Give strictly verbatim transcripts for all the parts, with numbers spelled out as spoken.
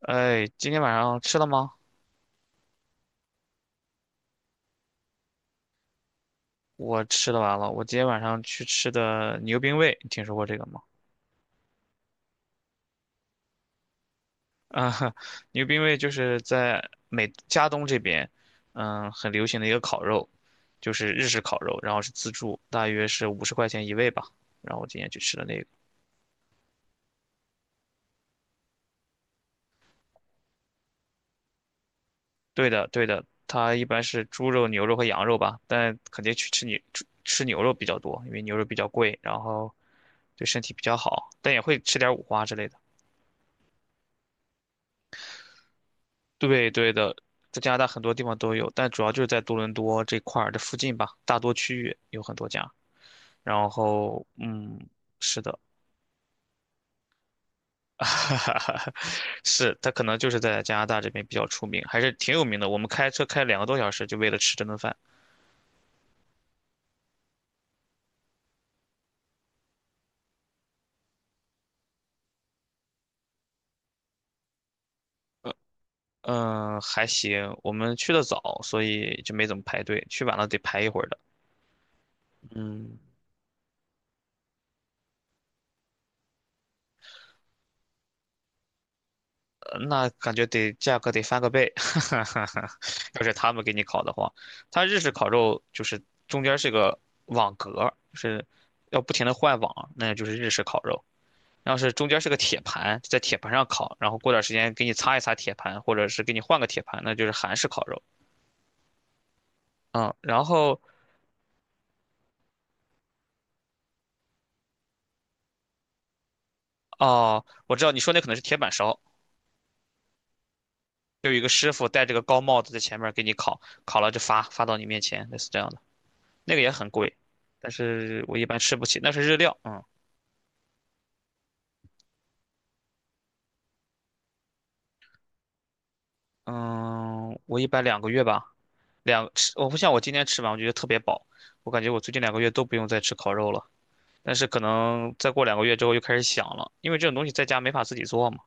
哎，今天晚上吃了吗？我吃的完了。我今天晚上去吃的牛冰味，你听说过这个吗？啊，牛冰味就是在美加东这边，嗯，很流行的一个烤肉，就是日式烤肉，然后是自助，大约是五十块钱一位吧。然后我今天去吃的那个，对的，对的，它一般是猪肉、牛肉和羊肉吧，但肯定去吃牛吃吃牛肉比较多，因为牛肉比较贵，然后对身体比较好，但也会吃点五花之类的。对对的，在加拿大很多地方都有，但主要就是在多伦多这块儿的附近吧，大多区域有很多家。然后，嗯，是的，是，他可能就是在加拿大这边比较出名，还是挺有名的。我们开车开两个多小时，就为了吃这顿饭。嗯，还行，我们去的早，所以就没怎么排队，去晚了得排一会儿的。嗯，那感觉得价格得翻个倍，哈哈哈。要是他们给你烤的话，他日式烤肉就是中间是个网格，就是要不停的换网，那就是日式烤肉。要是中间是个铁盘，在铁盘上烤，然后过段时间给你擦一擦铁盘，或者是给你换个铁盘，那就是韩式烤肉。嗯，然后哦，我知道你说那可能是铁板烧，就有一个师傅戴着个高帽子在前面给你烤，烤了就发发到你面前，类似这样的，那个也很贵，但是我一般吃不起，那是日料，嗯。嗯，我一般两个月吧，两吃我不像我今天吃完，我觉得特别饱，我感觉我最近两个月都不用再吃烤肉了。但是可能再过两个月之后又开始想了，因为这种东西在家没法自己做嘛。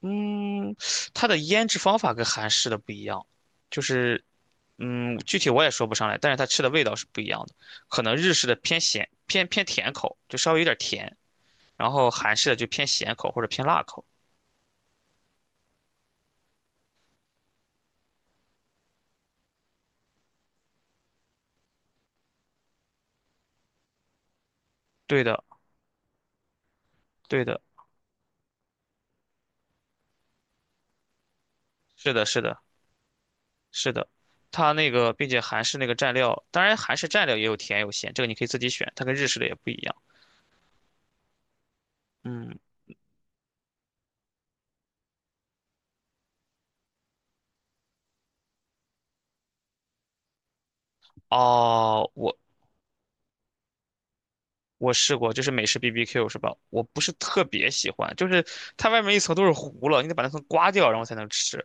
嗯，它的腌制方法跟韩式的不一样，就是嗯，具体我也说不上来，但是它吃的味道是不一样的。可能日式的偏咸偏偏甜口，就稍微有点甜，然后韩式的就偏咸口或者偏辣口。对的，对的，是的，是的。是的，它那个并且韩式那个蘸料，当然韩式蘸料也有甜有咸，这个你可以自己选，它跟日式的也不一样。嗯，哦，我我试过，就是美式 B B Q 是吧？我不是特别喜欢，就是它外面一层都是糊了，你得把那层刮掉，然后才能吃。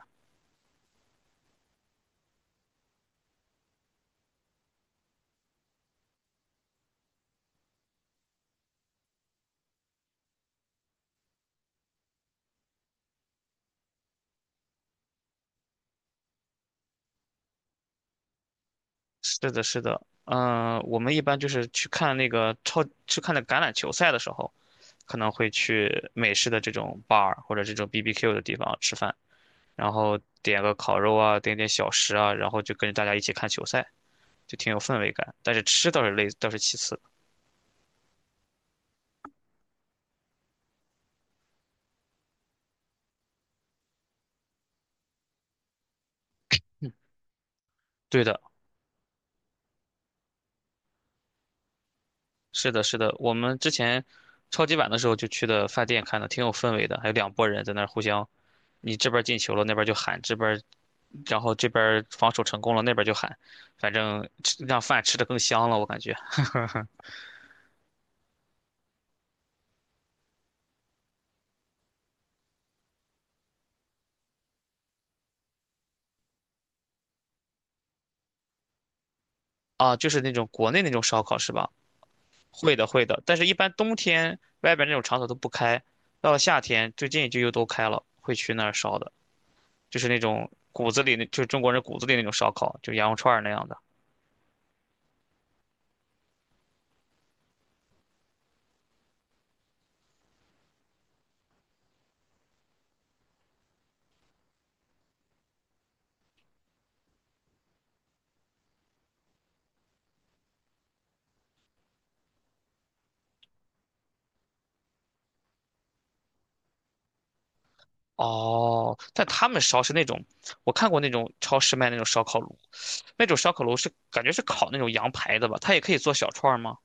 是的，是的，嗯，我们一般就是去看那个超去看那橄榄球赛的时候，可能会去美式的这种 bar 或者这种 B B Q 的地方吃饭，然后点个烤肉啊，点点小食啊，然后就跟着大家一起看球赛。就挺有氛围感。但是吃倒是累，倒是其次。嗯，对的，是的，是的。我们之前超级碗的时候就去的饭店看的，挺有氛围的，还有两拨人在那儿互相，你这边儿进球了，那边儿就喊，这边儿然后这边儿防守成功了，那边儿就喊，反正吃让饭吃的更香了，我感觉。啊，就是那种国内那种烧烤是吧？会的，会的。但是，一般冬天外边那种场所都不开，到了夏天最近就又都开了，会去那儿烧的。就是那种骨子里那，就是中国人骨子里那种烧烤，就羊肉串儿那样的。哦，但他们烧是那种，我看过那种超市卖那种烧烤炉，那种烧烤炉是感觉是烤那种羊排的吧？它也可以做小串儿吗？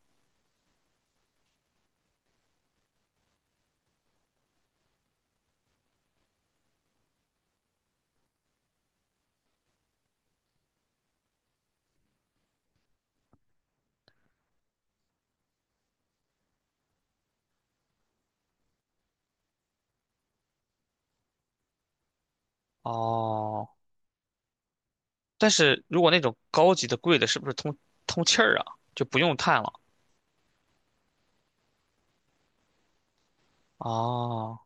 哦，但是如果那种高级的贵的，是不是通通气儿啊？就不用炭了。哦，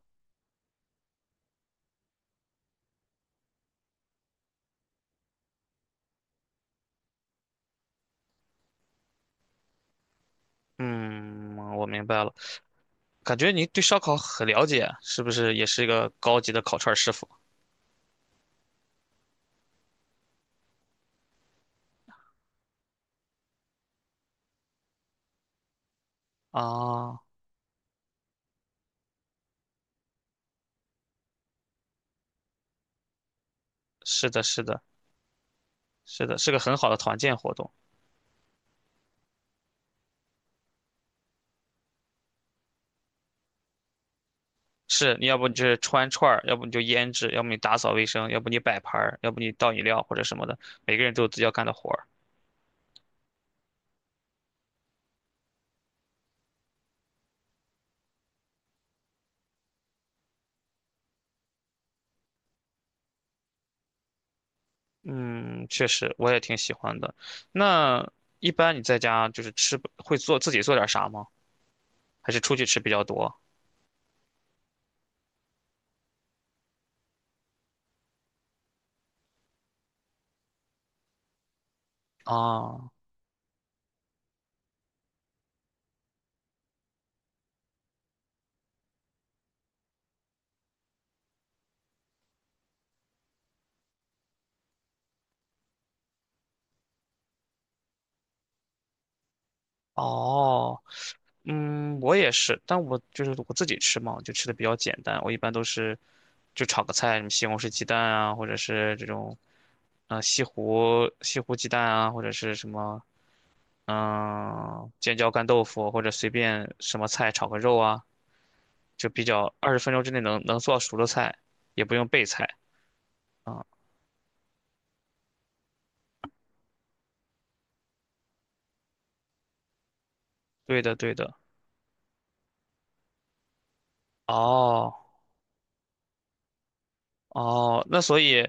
嗯，我明白了。感觉你对烧烤很了解，是不是也是一个高级的烤串儿师傅？啊，是的，是的，是的，是个很好的团建活动。是你要不你就是穿串儿，要不你就腌制，要不你打扫卫生，要不你摆盘儿，要不你倒饮料或者什么的，每个人都有自己要干的活儿。嗯，确实我也挺喜欢的。那一般你在家就是吃，会做自己做点啥吗？还是出去吃比较多？啊，哦，嗯，我也是，但我就是我自己吃嘛，我就吃的比较简单。我一般都是就炒个菜，什么西红柿鸡蛋啊，或者是这种，呃，西湖西湖鸡蛋啊，或者是什么嗯，尖椒干豆腐或者随便什么菜炒个肉啊，就比较二十分钟之内能能做熟的菜，也不用备菜啊。对的，对的。哦哦，那所以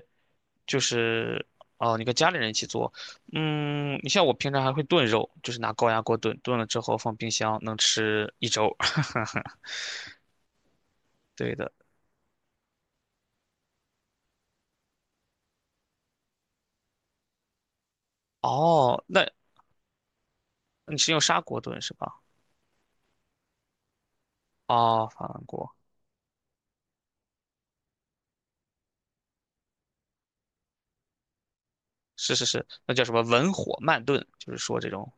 就是哦，你跟家里人一起做，嗯，你像我平常还会炖肉，就是拿高压锅炖，炖了之后放冰箱能吃一周。对的。哦，那你是用砂锅炖是吧？哦，法兰锅，是是是，那叫什么文火慢炖，就是说这种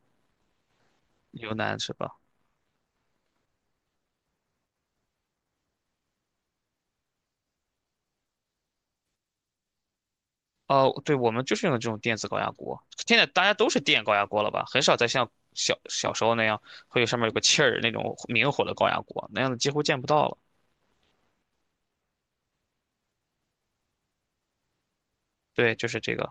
牛腩是吧？哦，对，我们就是用的这种电子高压锅。现在大家都是电高压锅了吧？很少再像小小时候那样会有上面有个气儿那种明火的高压锅，那样的几乎见不到了。对，就是这个。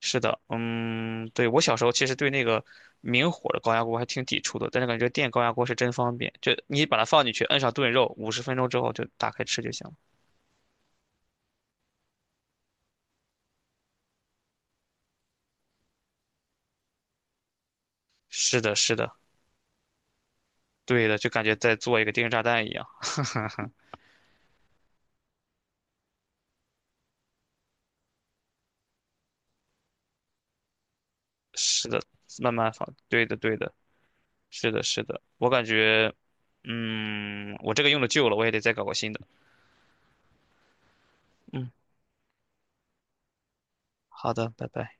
是的，嗯，对，我小时候其实对那个明火的高压锅还挺抵触的，但是感觉电高压锅是真方便，就你把它放进去，摁上炖肉，五十分钟之后就打开吃就行了。是的，是的，对的，就感觉在做一个定时炸弹一样。是的，慢慢放，对的，对的。是的，是的，我感觉，嗯，我这个用的旧了，我也得再搞个新的。嗯，好的，拜拜。